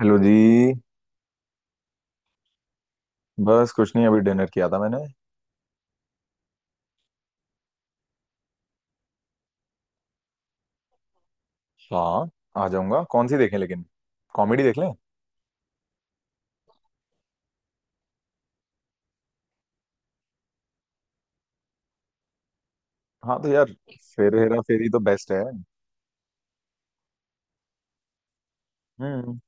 Hello जी। बस कुछ नहीं, अभी डिनर किया था मैंने। हाँ। आ जाऊंगा। कौन सी देखें लेकिन? कॉमेडी देख लें। हाँ तो यार, फिर हेरा फेरी तो बेस्ट है। हम्म।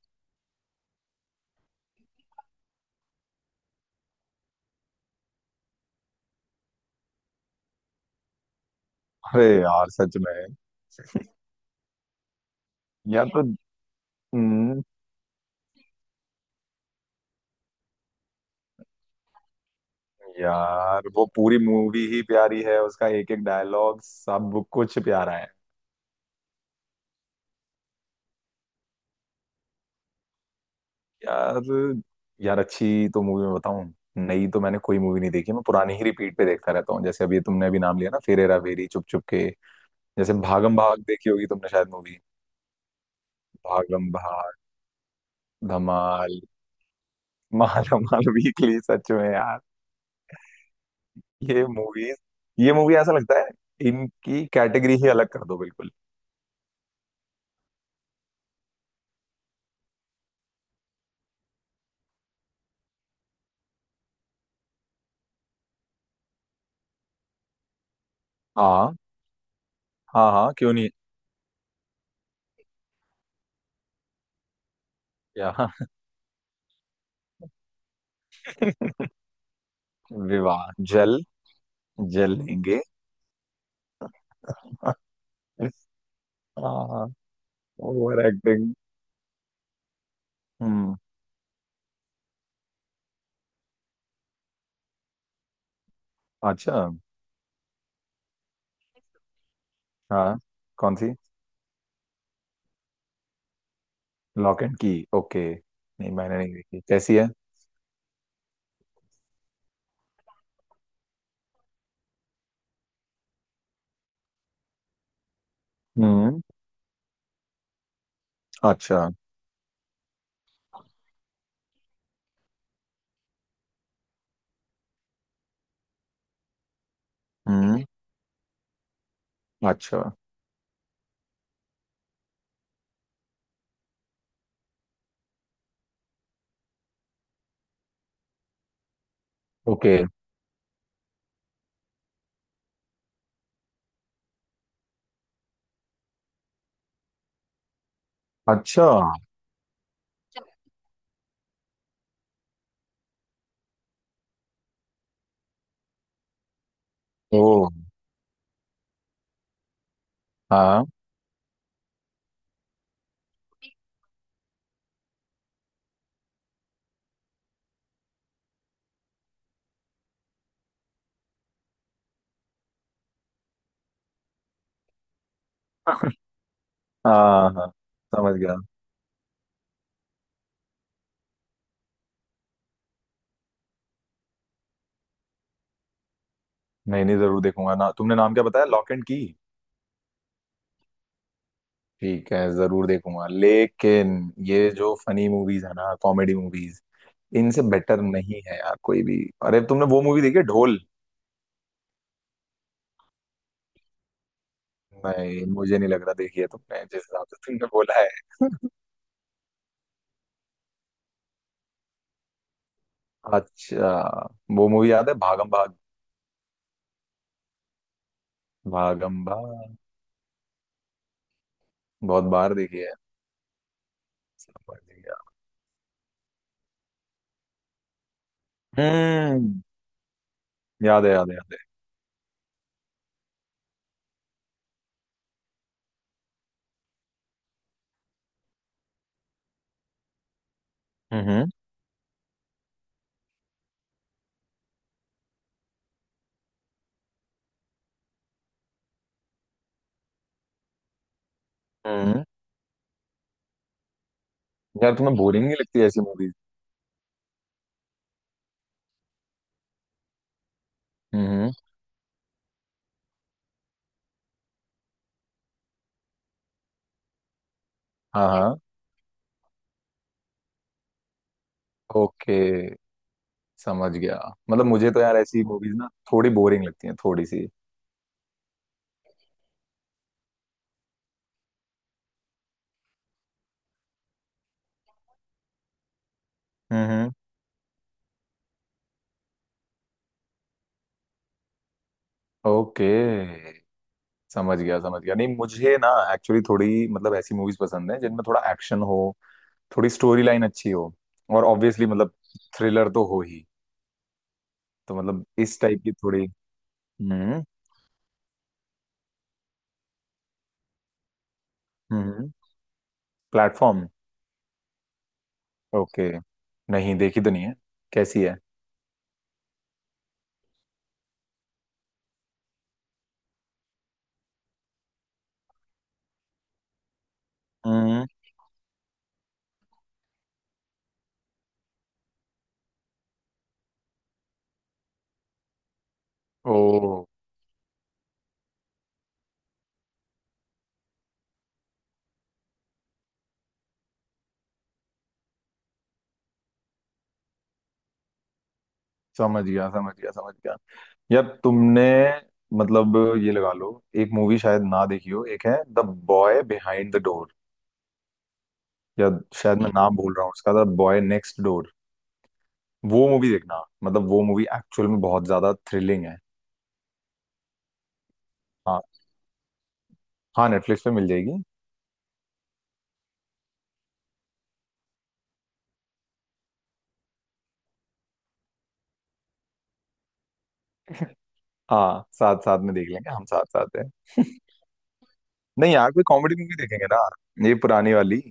अरे यार सच में। यार तो। हम्म। यार वो पूरी मूवी ही प्यारी है, उसका एक एक डायलॉग सब कुछ प्यारा है। यार। यार अच्छी तो मूवी में बताऊं? नई तो मैंने कोई मूवी नहीं देखी, मैं पुरानी ही रिपीट पे देखता रहता हूँ। जैसे अभी तुमने अभी नाम लिया ना, फिर हेरा फेरी, चुप चुप के। जैसे भागम भाग देखी होगी तुमने शायद, मूवी भागम भाग, धमाल। माल धमाल वीकली सच में यार। ये मूवीज, ये मूवी ऐसा लगता है इनकी कैटेगरी ही अलग कर दो बिल्कुल। हाँ। हाँ हाँ क्यों नहीं। या विवाह जल जल लेंगे हाँ, ओवर एक्टिंग। हम्म। अच्छा। हाँ। कौन सी? Locke and Key. ओके, नहीं मैंने नहीं देखी, कैसी है? हम्म। अच्छा। हम्म। अच्छा। ओके। अच्छा। ओ। हाँ। हाँ हाँ समझ गया। नहीं नहीं, जरूर देखूंगा ना। तुमने नाम क्या बताया? Locke and Key? ठीक है, जरूर देखूंगा। लेकिन ये जो फनी मूवीज है ना, कॉमेडी मूवीज, इनसे बेटर नहीं है यार कोई भी। अरे तुमने वो मूवी देखी है ढोल? नहीं, मुझे नहीं लग रहा देखी है तुमने, जिस हिसाब से तुमने बोला है। अच्छा। वो मूवी याद है? भागम भाग? भागम भाग बहुत बार देखी है। सब बार देखी है। हम्म। याद है याद है याद है। हम्म। हम्म। यार तुम्हें बोरिंग नहीं लगती ऐसी मूवीज? हम्म। हाँ हाँ। ओके समझ गया। मतलब मुझे तो यार ऐसी मूवीज ना थोड़ी बोरिंग लगती हैं, थोड़ी सी। हम्म। ओके, समझ गया समझ गया। नहीं मुझे ना एक्चुअली थोड़ी मतलब ऐसी मूवीज पसंद है जिनमें थोड़ा एक्शन हो, थोड़ी स्टोरी लाइन अच्छी हो, और ऑब्वियसली मतलब थ्रिलर तो हो ही। तो मतलब इस टाइप की थोड़ी। हम्म। हम्म। प्लेटफॉर्म। ओके। नहीं देखी तो नहीं है। कैसी है? हम्म। ओ, समझ गया समझ गया समझ गया। यार तुमने मतलब ये लगा लो, एक मूवी शायद ना देखी हो, एक है the boy behind the door. या शायद मैं नाम भूल रहा हूँ उसका, द बॉय नेक्स्ट डोर। वो मूवी देखना, मतलब वो मूवी एक्चुअल में बहुत ज्यादा थ्रिलिंग है। हाँ। हाँ नेटफ्लिक्स पे मिल जाएगी। हाँ, साथ साथ में देख लेंगे, हम साथ साथ है। नहीं यार, कोई कॉमेडी मूवी देखेंगे ना, ये पुरानी वाली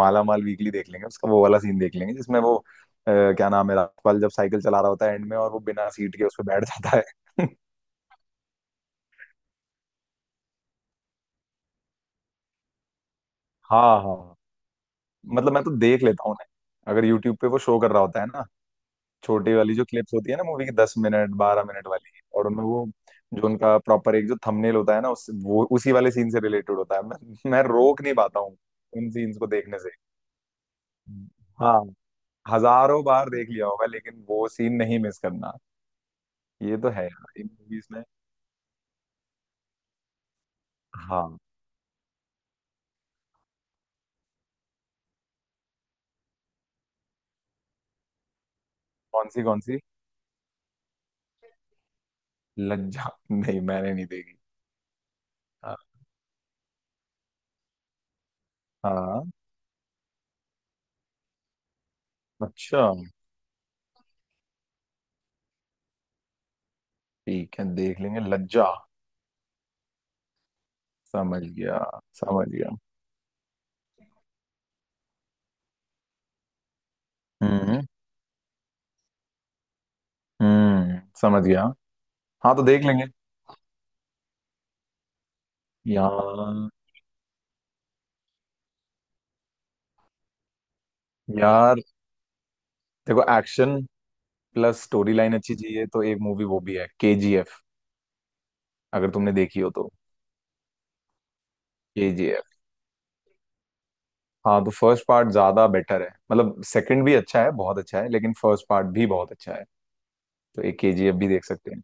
माला माल वीकली देख लेंगे। उसका वो वाला सीन देख लेंगे जिसमें वो क्या नाम है राजपाल जब साइकिल चला रहा होता है एंड में, और वो बिना सीट के उस पर बैठ जाता है। हाँ हाँ। मतलब मैं तो देख लेता हूँ उन्हें अगर यूट्यूब पे वो शो कर रहा होता है ना, छोटी वाली जो क्लिप्स होती है ना मूवी की, दस मिनट बारह मिनट वाली, और उनमें वो जो उनका प्रॉपर एक जो थंबनेल होता है ना, उस वो उसी वाले सीन से रिलेटेड होता है। मैं रोक नहीं पाता हूँ उन सीन्स को देखने से। हाँ, हजारों बार देख लिया होगा, लेकिन वो सीन नहीं मिस करना। ये तो है यार इन मूवीज में। हाँ। कौन सी कौन सी? लज्जा? नहीं मैंने नहीं देखी। हाँ। हाँ, अच्छा। ठीक है, देख लेंगे लज्जा। समझ गया समझ गया। हम्म। समझ गया। हाँ तो देख लेंगे। यार। यार देखो, एक्शन प्लस स्टोरी लाइन अच्छी चाहिए तो एक मूवी वो भी है, केजीएफ। अगर तुमने देखी हो तो। केजीएफ। हाँ तो फर्स्ट पार्ट ज्यादा बेटर है, मतलब सेकंड भी अच्छा है, बहुत अच्छा है, लेकिन फर्स्ट पार्ट भी बहुत अच्छा है। तो एक केजीएफ भी देख सकते हैं।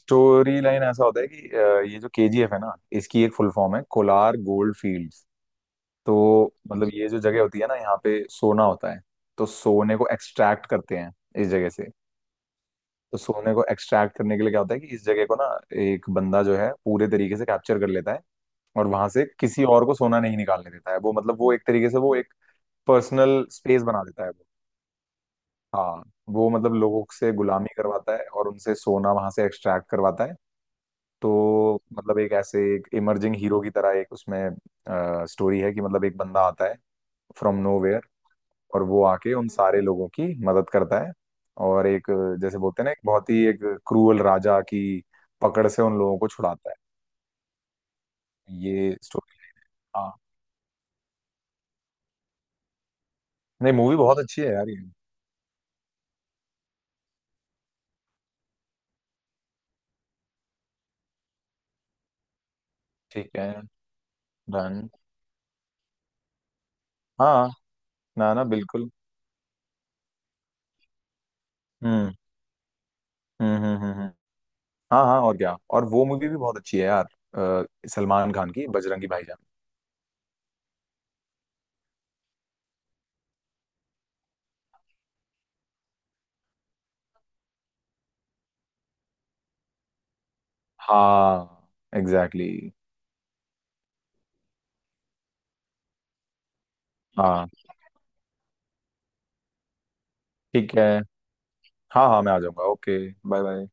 स्टोरी लाइन ऐसा होता है कि ये जो केजीएफ है ना, इसकी एक फुल फॉर्म है, कोलार गोल्ड फील्ड्स। तो मतलब ये जो जगह होती है ना, यहाँ पे सोना होता है। तो सोने को एक्सट्रैक्ट करते हैं इस जगह से। तो सोने को एक्सट्रैक्ट करने के लिए क्या होता है कि इस जगह को ना एक बंदा जो है पूरे तरीके से कैप्चर कर लेता है, और वहां से किसी और को सोना नहीं निकालने देता है। वो मतलब वो एक तरीके से वो एक पर्सनल स्पेस बना देता है वो। हाँ। वो मतलब लोगों से गुलामी करवाता है और उनसे सोना वहां से एक्सट्रैक्ट करवाता है। तो मतलब एक ऐसे एक इमर्जिंग हीरो की तरह एक उसमें स्टोरी है कि मतलब एक बंदा आता है फ्रॉम नो वेयर, और वो आके उन सारे लोगों की मदद करता है। और एक जैसे बोलते हैं ना, एक बहुत ही एक क्रूअल राजा की पकड़ से उन लोगों को छुड़ाता है। ये स्टोरी। हाँ। नहीं मूवी बहुत अच्छी है यार ये। ठीक है, डन। हाँ। ना ना बिल्कुल। हम्म। हम्म हम्म हम्म हम्म। हाँ हाँ, और क्या। और वो मूवी भी बहुत अच्छी है यार, सलमान खान की बजरंगी भाईजान। हाँ, एग्जैक्टली। हाँ ठीक है। हाँ हाँ मैं आ जाऊंगा। ओके। Bye bye.